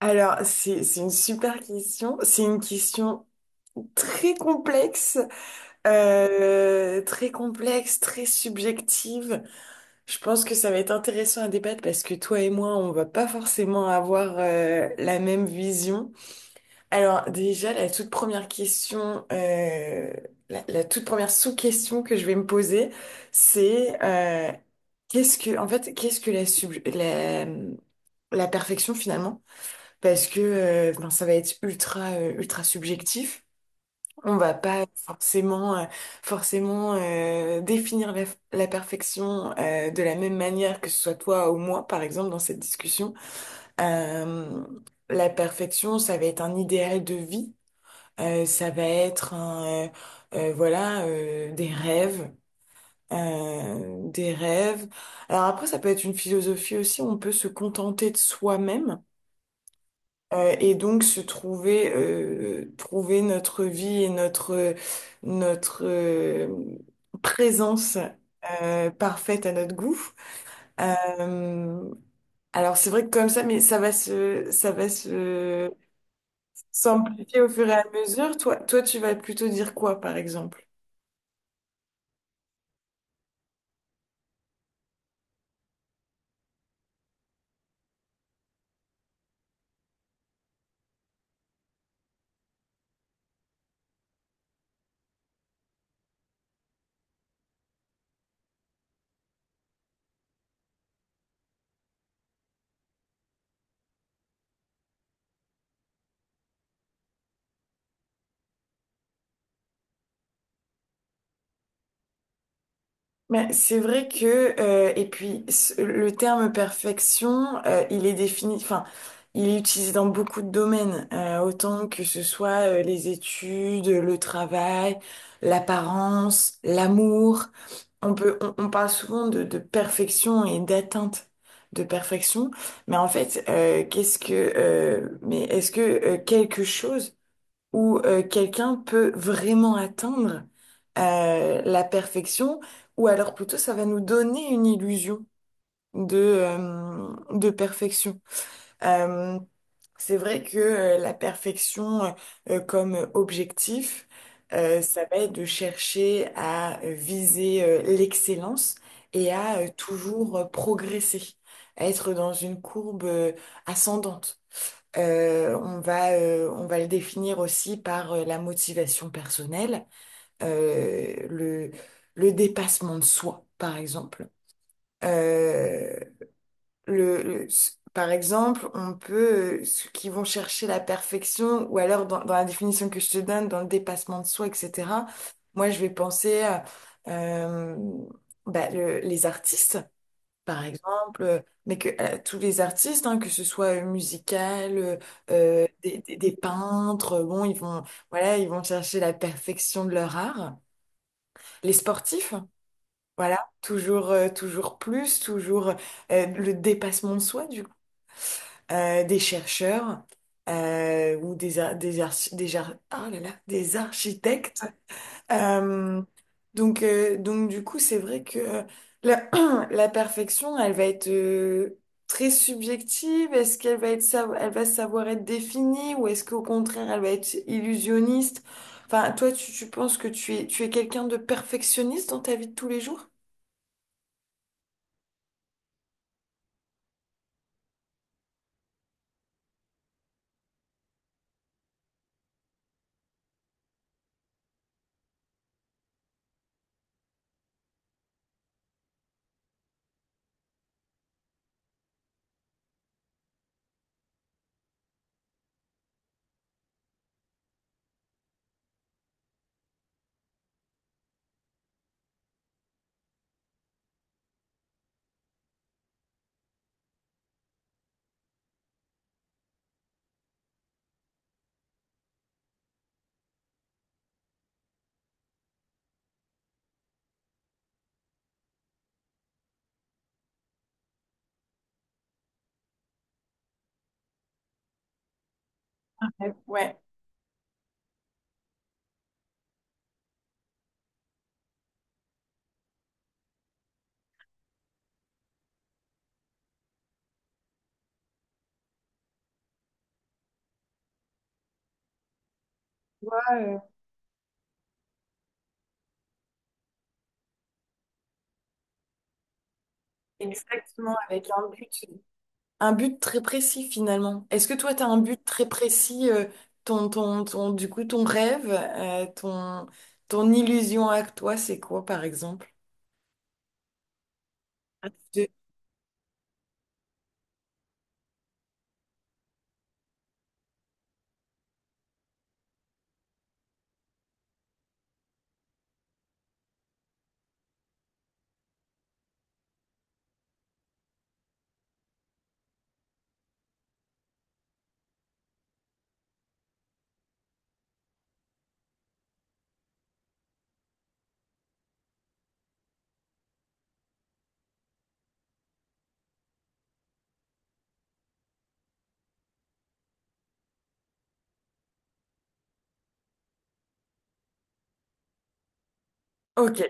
Alors, c'est une super question. C'est une question très complexe, très complexe, très subjective. Je pense que ça va être intéressant à débattre parce que toi et moi, on va pas forcément avoir la même vision. Alors, déjà, la toute première question, la toute première sous-question que je vais me poser, c'est qu'est-ce que, en fait, qu'est-ce que la perfection finalement? Parce que ben, ça va être ultra subjectif. On va pas forcément définir la perfection de la même manière que ce soit toi ou moi, par exemple, dans cette discussion. Euh, la perfection, ça va être un idéal de vie. Ça va être un, voilà des rêves. euh, des rêves. Alors après, ça peut être une philosophie aussi. On peut se contenter de soi-même. Et donc se trouver notre vie et notre présence parfaite à notre goût. Euh, alors c'est vrai que comme ça, mais ça va se s'amplifier au fur et à mesure. Toi, tu vas plutôt dire quoi, par exemple? Mais c'est vrai que, et puis le terme perfection, il est défini, enfin, il est utilisé dans beaucoup de domaines, autant que ce soit les études, le travail, l'apparence, l'amour. On parle souvent de perfection et d'atteinte de perfection, mais en fait, qu'est-ce que, mais est-ce que quelque chose où quelqu'un peut vraiment atteindre la perfection, ou alors plutôt ça va nous donner une illusion de perfection. Euh, c'est vrai que la perfection comme objectif, ça va être de chercher à viser l'excellence et à toujours progresser, à être dans une courbe ascendante. On va le définir aussi par la motivation personnelle, euh, le, le dépassement de soi, par exemple. Euh, par exemple, on peut, ceux qui vont chercher la perfection, ou alors dans la définition que je te donne, dans le dépassement de soi, etc., moi, je vais penser à euh, bah, les artistes par exemple, mais que tous les artistes, hein, que ce soit musical, des peintres, bon, voilà, ils vont chercher la perfection de leur art. Les sportifs, voilà, toujours plus, toujours le dépassement de soi, du coup. Des chercheurs ou des, ar- des, archi- des, jar- ah là là, des architectes. Euh, donc, donc du coup, c'est vrai que la, la perfection, elle va être très subjective. Est-ce qu'elle va elle va savoir être définie ou est-ce qu'au contraire, elle va être illusionniste? Enfin, toi, tu penses que tu es quelqu'un de perfectionniste dans ta vie de tous les jours? Ouais, pas, exactement, avec un but. Un but très précis finalement. Est-ce que toi, tu as un but très précis, ton, du coup, ton illusion à toi, c'est quoi par exemple? Ah, je- Ok,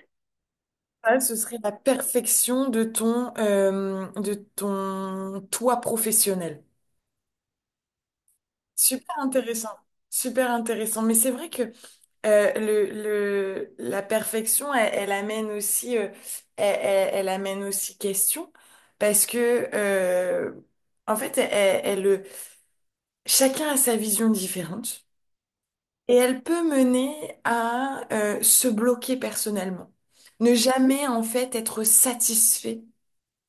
ça, ce serait la perfection de de ton toi professionnel. Super intéressant, super intéressant. Mais c'est vrai que la perfection, elle amène aussi, elle amène aussi question, parce que, en fait, elle, elle- chacun a sa vision différente et elle peut mener à se bloquer personnellement, ne jamais en fait être satisfait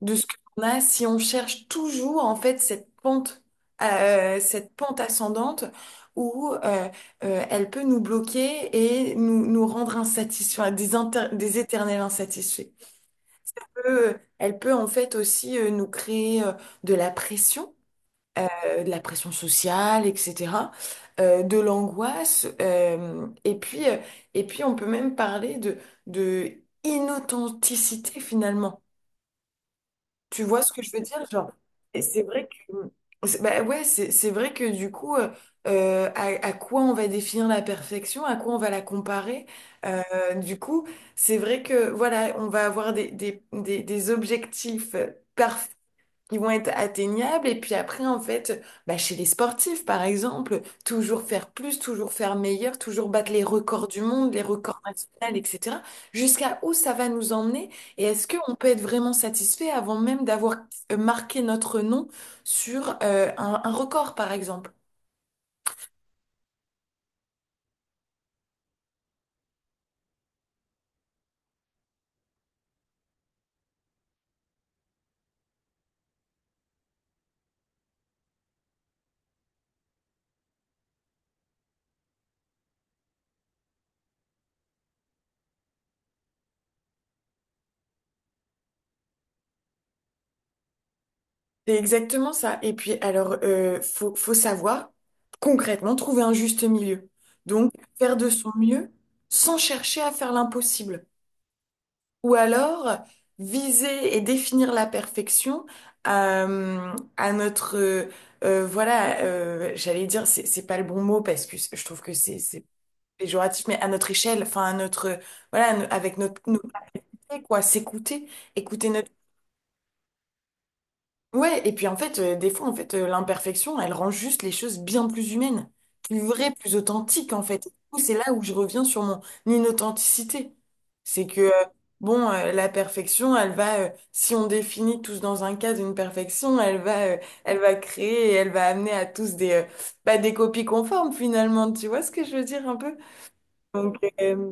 de ce qu'on a si on cherche toujours en fait cette pente ascendante où elle peut nous bloquer et nous rendre insatisfaits, enfin, des éternels insatisfaits. Peut- elle peut en fait aussi nous créer de la pression, de la pression sociale, etc., de l'angoisse, et puis on peut même parler de inauthenticité finalement. Tu vois ce que je veux dire? Genre, et c'est vrai que, c'est- bah ouais, c'est vrai que du coup, à quoi on va définir la perfection, à quoi on va la comparer? Euh, du coup, c'est vrai que, voilà, on va avoir des objectifs parfaits, ils vont être atteignables. Et puis après, en fait, bah, chez les sportifs, par exemple, toujours faire plus, toujours faire meilleur, toujours battre les records du monde, les records nationaux, etc. Jusqu'à où ça va nous emmener? Et est-ce qu'on peut être vraiment satisfait avant même d'avoir marqué notre nom sur un record, par exemple? C'est exactement ça. Et puis, alors, faut savoir concrètement trouver un juste milieu. Donc, faire de son mieux sans chercher à faire l'impossible. Ou alors viser et définir la perfection à, notre voilà j'allais dire c'est pas le bon mot parce que je trouve que c'est péjoratif mais à notre échelle, enfin à notre voilà à no- avec quoi, s'écouter, écouter notre. Ouais, et puis en fait, des fois, en fait, l'imperfection, elle rend juste les choses bien plus humaines, plus vraies, plus authentiques, en fait. Et du coup, c'est là où je reviens sur mon inauthenticité. C'est que, bon, la perfection, elle va, si on définit tous dans un cadre une perfection, elle va créer, et elle va amener à tous des, bah, des copies conformes, finalement. Tu vois ce que je veux dire un peu? Donc, euh,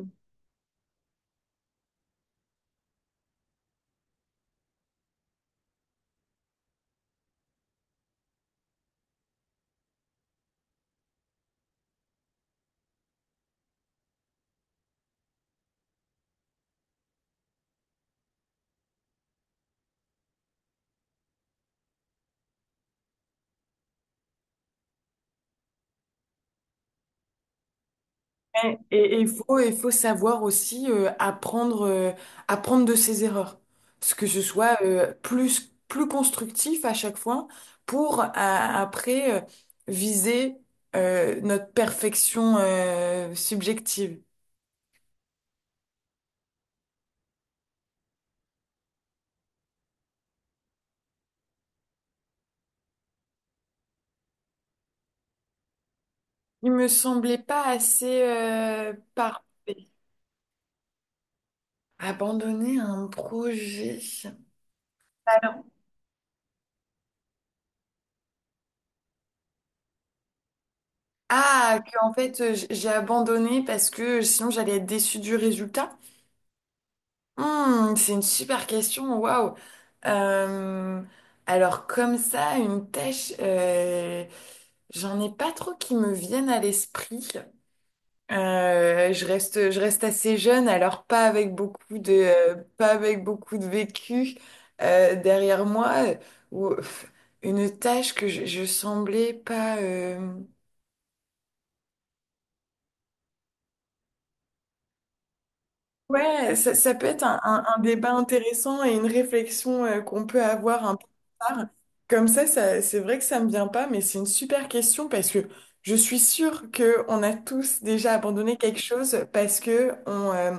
ouais, et il faut savoir aussi apprendre de ses erreurs. Ce que ce soit plus constructif à chaque fois pour à- après viser notre perfection subjective. Il me semblait pas assez parfait. Abandonner un projet. Alors. Ah, que en fait j'ai abandonné parce que sinon j'allais être déçue du résultat. Hmm, c'est une super question, waouh. Euh, alors comme ça, une tâche, j'en ai pas trop qui me viennent à l'esprit. Je reste assez jeune, alors pas avec beaucoup de, pas avec beaucoup de vécu derrière moi, ou pff, une tâche que je semblais pas. Euh, ouais, ça peut être un débat intéressant et une réflexion qu'on peut avoir un peu plus tard. Comme ça, c'est vrai que ça me vient pas, mais c'est une super question parce que je suis sûre que on a tous déjà abandonné quelque chose parce que on,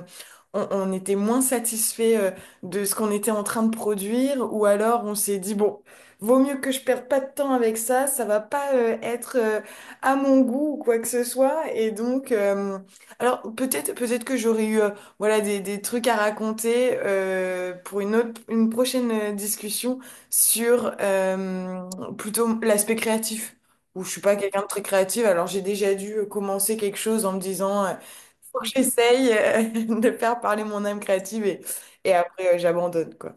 on était moins satisfait de ce qu'on était en train de produire, ou alors on s'est dit, bon, vaut mieux que je perde pas de temps avec ça, ça va pas être à mon goût ou quoi que ce soit. Et donc, alors peut-être que j'aurais eu voilà, des trucs à raconter pour une prochaine discussion sur plutôt l'aspect créatif. Où je suis pas quelqu'un de très créatif, alors j'ai déjà dû commencer quelque chose en me disant faut que j'essaye de faire parler mon âme créative, et après j'abandonne quoi.